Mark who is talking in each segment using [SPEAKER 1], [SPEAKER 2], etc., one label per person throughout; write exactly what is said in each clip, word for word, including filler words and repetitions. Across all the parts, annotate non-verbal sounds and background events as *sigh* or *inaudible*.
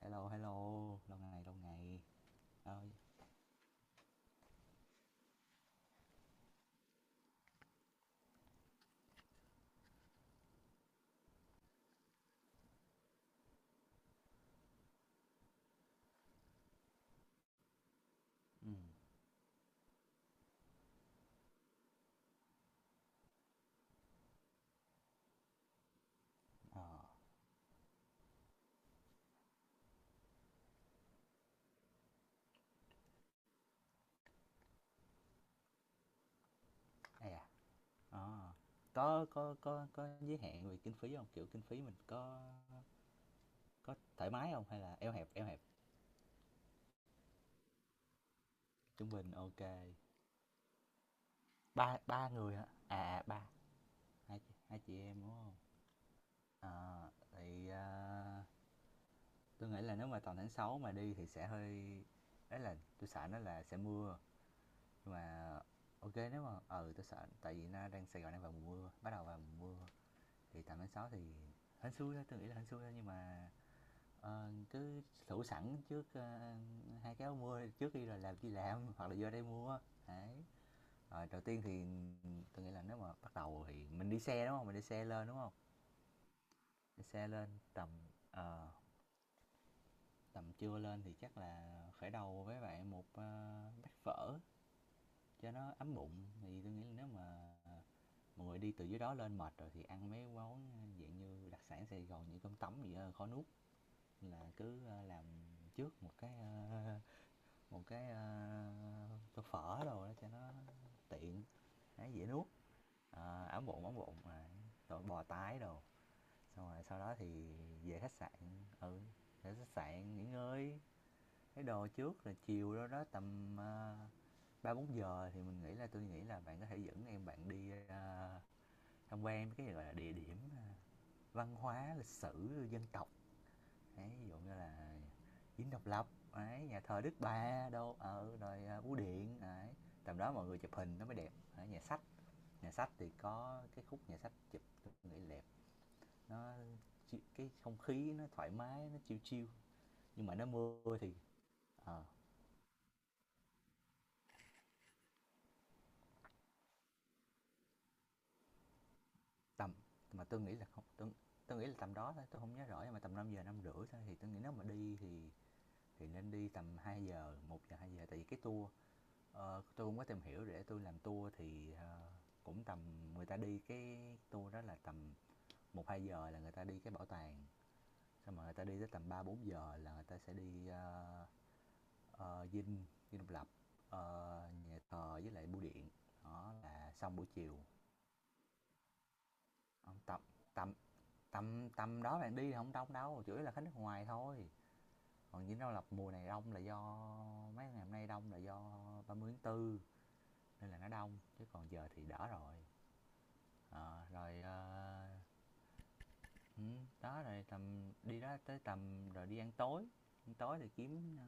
[SPEAKER 1] Hello, hello, lâu ngày, lâu ngày. Ơi, ừ, ờ, ai à, ờ. Có, có, có, có giới hạn về kinh phí không? Kiểu kinh phí mình có, có thoải mái không? Hay là eo hẹp, eo hẹp, trung bình, ok. Ba, ba người hả? À, à, ba, hai, chị- hai chị em đúng không? Ờ, thì à, tôi nghĩ là nếu mà tầm tháng sáu mà đi thì sẽ hơi, đấy là tôi sợ nó là sẽ mưa. Nhưng mà ok nếu mà, ừ tôi sợ, tại vì nó đang Sài Gòn đang vào mùa mưa, bắt đầu vào mùa mưa. Thì tầm tháng sáu thì hên xui thôi tôi nghĩ là hên xui thôi nhưng mà ờ, cứ thủ sẵn trước ờ, hai cái áo mưa trước khi rồi làm chi làm *laughs* hoặc là vô đây mua, đấy. Rồi đầu tiên thì tôi nghĩ là nếu mà bắt đầu thì mình đi xe đúng không mình đi xe lên đúng không? Đi xe lên tầm ờ, tầm trưa lên thì chắc là khởi đầu với bạn một ờ, bát phở cho nó ấm bụng. Thì tôi nghĩ là nếu mà mọi người đi từ dưới đó lên mệt rồi thì ăn mấy món dạng như đặc sản Sài Gòn như cơm tấm gì đó, khó nuốt, là cứ ờ, làm trước một cái, ờ, một cái, ơ, tô phở đồ đó cho nó tiện, ấy dễ nuốt. Ờ, ấm bụng ấm bụng, à, rồi bò tái đồ. Xong rồi sau đó thì về khách sạn, ừ, để khách sạn nghỉ ngơi cái đồ trước, rồi chiều đó đó tầm ờ, ba uh, bốn giờ thì mình nghĩ là tôi nghĩ là bạn có thể dẫn em bạn đi ờ, tham quan cái gọi là địa điểm ờ, văn hóa lịch sử dân tộc. Đấy, ví dụ như là Dinh Độc Lập, đấy, nhà thờ Đức Bà đâu, ở rồi à, Bưu Điện, đấy. Tầm đó mọi người chụp hình nó mới đẹp. Đấy, nhà sách, nhà sách thì có cái khúc nhà sách chụp tôi nghĩ đẹp. Nó cái không khí nó thoải mái, nó chill chill. Nhưng mà nó mưa thì ờ, tầm mà tôi nghĩ là không tôi, tôi nghĩ là tầm đó thôi, tôi không nhớ rõ nhưng mà tầm năm giờ năm rưỡi thôi. Thì tôi nghĩ nếu mà đi thì thì nên đi tầm hai giờ, một giờ hai giờ, tại vì cái tour. Ờ, tôi cũng có tìm hiểu để tôi làm tour thì ờ, cũng tầm người ta đi cái tour đó là tầm một hai giờ là người ta đi cái bảo tàng, xong rồi người ta đi tới tầm ba bốn giờ là người ta sẽ đi ờ, ờ, dinh dinh độc lập, ờ, nhà thờ với lại bưu điện. Đó là xong buổi chiều. Ờ, tầm tầm tầm tầm đó bạn đi thì không đông đâu, chủ yếu là khách nước ngoài thôi. Còn dinh độc lập mùa này đông là do mấy ngày hôm nay đông là do ba mươi tháng Tư nên là nó đông chứ còn giờ thì đỡ rồi. Ờ, rồi, ờ, ừm, đó, rồi tầm đi đó tới tầm rồi đi ăn tối, ăn tối thì kiếm, ờ,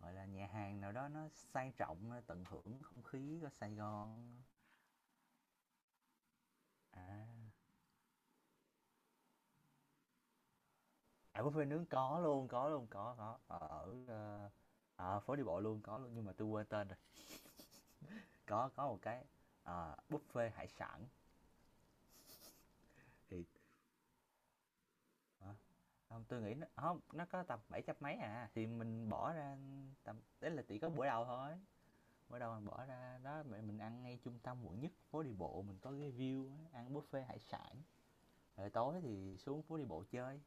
[SPEAKER 1] gọi là, nhà hàng nào đó nó sang trọng, ơ, tận hưởng không khí của Sài Gòn. À, à, buffet nướng có luôn, có luôn, có, có, ở ở, ơ, ờ, à, phố đi bộ luôn, có luôn, nhưng mà tôi quên tên rồi. Có có một cái, ờ, buffet hải sản thì hả? Hông, tui nghĩ nó hông, nó có tầm bảy trăm mấy à, thì mình bỏ ra tầm đấy là chỉ có bữa đầu thôi. Mới đầu mình bỏ ra đó mẹ mình ăn ngay trung tâm quận nhất, phố đi bộ mình có cái view ăn buffet hải sản. Rồi tối thì xuống phố đi bộ chơi.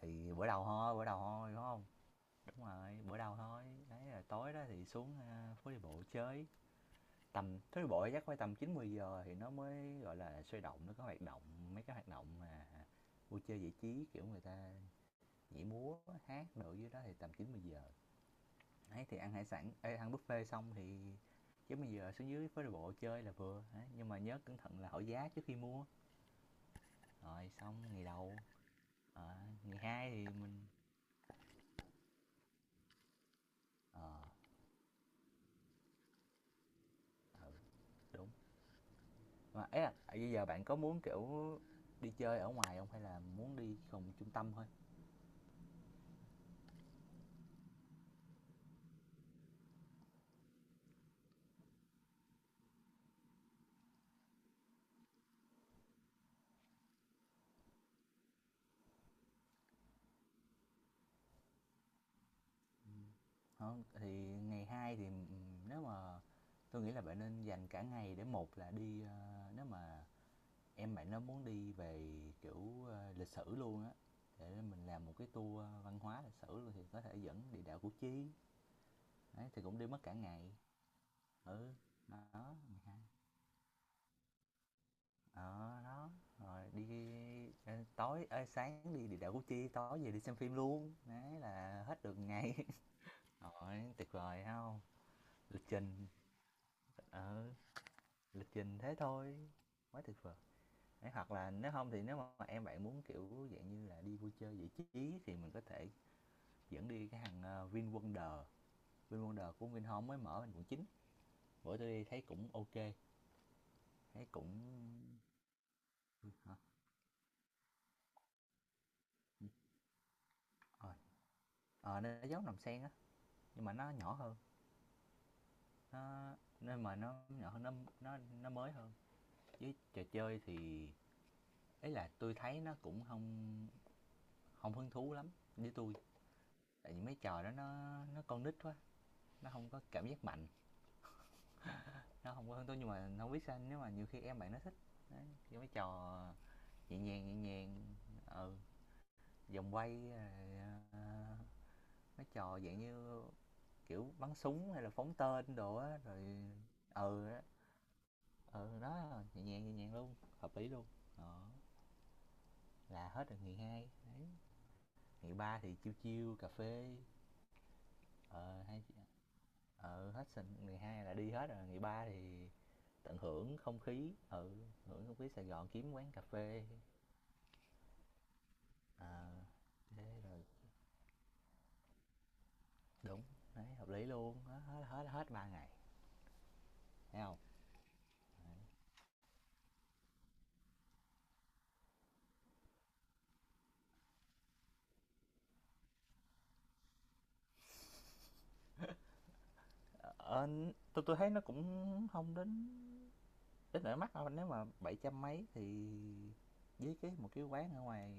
[SPEAKER 1] Thì bữa đầu thôi, bữa đầu thôi đúng không? Đúng rồi, bữa đầu thôi. Đấy là tối đó thì xuống à, phố đi bộ chơi. Tầm phố đi bộ chắc phải tầm chín mười giờ thì nó mới gọi là sôi động, nó có hoạt động, mấy cái hoạt động mà vui chơi giải trí kiểu người ta nhảy múa hát đồ dưới đó thì tầm chín mười giờ ấy thì ăn hải sản ê, ăn buffet xong thì chứ bây giờ xuống dưới phố đi bộ chơi là vừa. Đấy, nhưng mà nhớ cẩn thận là hỏi giá trước khi mua. Rồi xong ngày đầu, ờ, ngày hai thì mình ờ ừ, đúng mà ấy là à, bây giờ bạn có muốn kiểu đi chơi ở ngoài không hay là muốn đi phòng trung tâm thôi? Ừ, không thì ngày hai thì ừm, nếu mà tôi nghĩ là bạn nên dành cả ngày để một là đi, ờ, nếu mà em bạn nó muốn đi về, kiểu, ơ, lịch sử luôn á, để mình làm một cái tour văn hóa lịch sử luôn, thì có thể dẫn địa đạo Củ Chi, đấy, thì cũng đi mất cả ngày. Ừ, đó, mười hai ờ, đó, rồi đi, ơ, tối ê, sáng đi địa đạo Củ Chi, tối về đi xem phim luôn, đấy, là hết được ngày. *laughs* Rồi, tuyệt vời phải hông? Lịch trình, ừ, lịch trình thế thôi, quá tuyệt vời. Đấy, hoặc là nếu không thì nếu mà em bạn muốn, kiểu, dạng như là, đi vui chơi giải trí thì mình có thể dẫn đi cái hàng ờ, VinWonder VinWonder của Vinhome mới mở bên quận chín, bữa tôi đi thấy cũng ok, thấy cũng hả? Rồi ờ nó giống nằm sen á nhưng mà nó nhỏ hơn, nó nên mà nó nhỏ hơn, nó nó nó mới hơn. Với trò chơi thì ấy là tôi thấy nó cũng không không hứng thú lắm với tôi, tại vì mấy trò đó nó, nó con nít quá, nó không có cảm giác mạnh, nó không có hứng thú, nhưng mà không biết sao nếu mà nhiều khi em bạn nó thích. Đấy, mấy trò nhẹ nhàng nhẹ nhàng, ừ, vòng quay rồi, ờ, mấy trò dạng như kiểu bắn súng hay là phóng tên đồ á rồi, ừ đó, ừ đó nhẹ nhàng nhẹ nhàng luôn, hợp lý luôn. Đó là hết rồi ngày hai đấy. Ngày ba thì chiêu chiêu cà phê, ờ hai ờ hết sinh ngày hai là đi hết rồi. Ngày ba thì tận hưởng không khí, ừ, hưởng không khí Sài Gòn, kiếm quán cà phê, ờ thế rồi, đúng, đấy hợp lý luôn, hết hết hết, hết ba ngày, thấy không? Ờ, tôi tui thấy nó cũng không đến, đến nỗi mắc đâu, nếu mà bảy trăm mấy thì với cái một cái quán ở ngoài,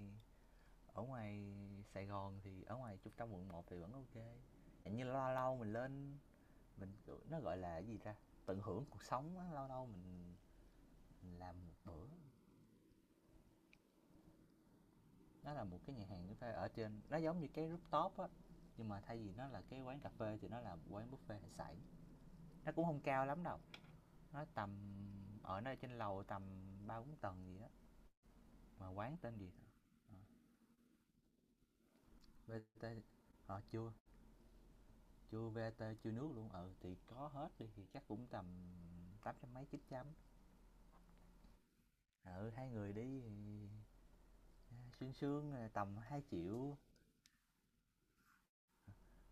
[SPEAKER 1] ở ngoài Sài Gòn thì ở ngoài trung tâm quận một thì vẫn ok. Kê. Như lâu lâu mình lên mình, kiểu, nó, gọi là, cái gì ta, tận hưởng cuộc sống á, lâu lâu mình mình làm một bữa. Nó là một cái nhà hàng chúng ta ở trên nó giống như cái rooftop á, nhưng mà thay vì nó là cái quán cà phê thì nó là một quán buffet hải sản. Nó cũng không cao lắm đâu. Nó tầm ở nơi trên lầu tầm ba bốn tầng gì đó, mà quán tên gì hả? Ờ, vê tê ờ chưa, chưa vê tê chưa nước luôn. Ừ thì có hết đi thì chắc cũng tầm tám trăm mấy chín trăm. Ừ hai người đi xuyên sương tầm hai triệu.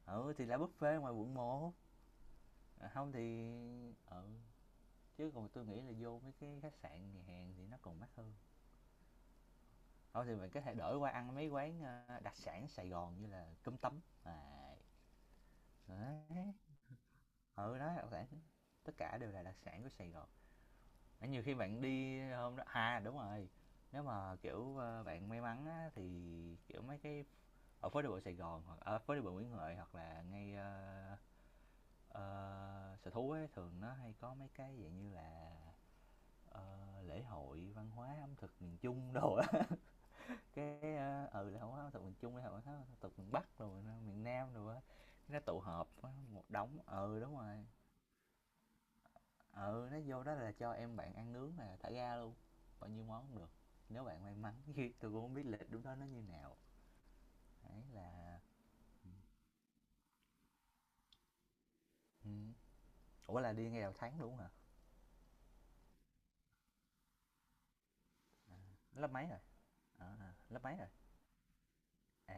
[SPEAKER 1] Ừ thì là buffet ngoài quận một. À, không thì, ừ, chứ còn tôi nghĩ là vô mấy cái khách sạn nhà hàng thì nó còn mắc hơn. Không thì mình có thể đổi qua ăn mấy quán ờ, đặc sản Sài Gòn như là cơm tấm. À, đấy, ừ đó đặc sản, tất cả đều là đặc sản của Sài Gòn. Đấy, nhiều khi bạn đi hôm đó, à đúng rồi, nếu mà kiểu ờ, bạn may mắn á, thì kiểu mấy cái ở phố đi bộ Sài Gòn hoặc ở phố đi bộ Nguyễn Huệ hoặc là ngay ờ, ờ, sở thú ấy, thường nó hay có mấy cái dạng như là ờ, lễ hội văn hóa ẩm thực miền Trung đồ á *laughs* cái ờ, ừ lễ hội văn hóa ẩm thực miền Trung, lễ hội văn hóa ẩm thực miền Bắc rồi miền Nam rồi á, nó tụ họp á, một đống, ừ đúng rồi, ừ nó vô đó là cho em bạn ăn nướng là thả ga luôn, bao nhiêu món cũng được, nếu bạn may mắn. *laughs* Tôi cũng không biết lịch đúng đó nó như nào, đấy là, ừ. Ủa là đi ngay đầu tháng luôn hả? Lớp mấy rồi, à, lớp mấy rồi? À,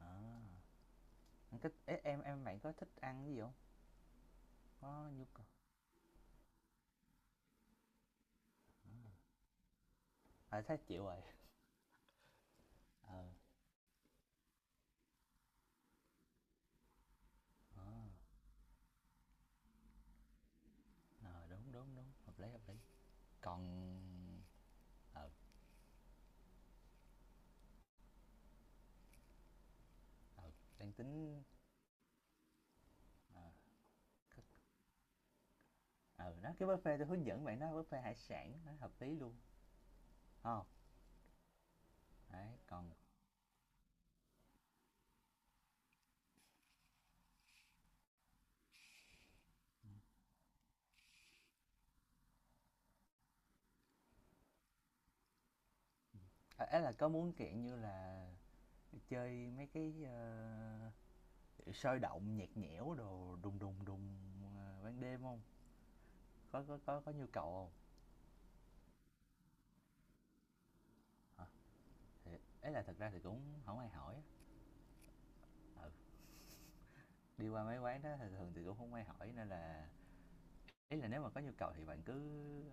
[SPEAKER 1] à. Thích, ế, em em bạn có thích ăn cái gì không, có nhu cầu? À thấy chịu rồi, ờ à, à, đúng đúng đúng, hợp lý hợp lý, còn ờ ờ đang tính ờ à, nó cái buffet tôi hướng dẫn bạn đó buffet hải sản nó hợp lý luôn, ờ. Đấy, còn à, ấy là có muốn, kiểu như là, chơi mấy cái, ơ, sôi động, nhạt nhẽo đồ đùng đùng đùng, ờ, ban đêm không? Có có có có nhu cầu không? Hả? Thì ấy à, là thực ra thì cũng không ai hỏi, ừ, đi qua mấy quán đó thường thường thì cũng không ai hỏi, nên là ý là nếu mà có nhu cầu thì bạn cứ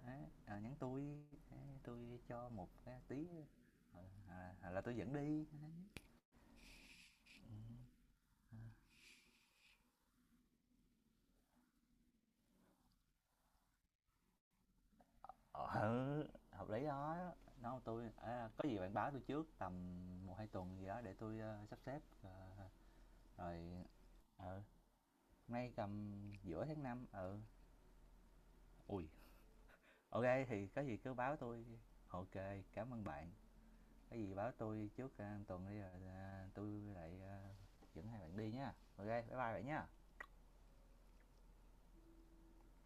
[SPEAKER 1] ấy, ờ, nhắn tôi ấy, tui cho một, cái tí, ờ, hoặc là tôi dẫn đi. Ừm. Ờ, ừ, hợp lý đó. Nói tui "A, có gì bạn báo tôi trước tầm một hai tuần gì đó để tôi ơ, sắp xếp, ờ, rồi". Ừ, nay tầm giữa tháng năm, ừ, ui, ok, thì có gì cứ báo tôi, ok. Cảm ơn bạn, có gì báo tôi trước, a, tuần đi rồi, à, tui lại, a, dẫn hai bạn đi nha. Ok bye bye bạn nha.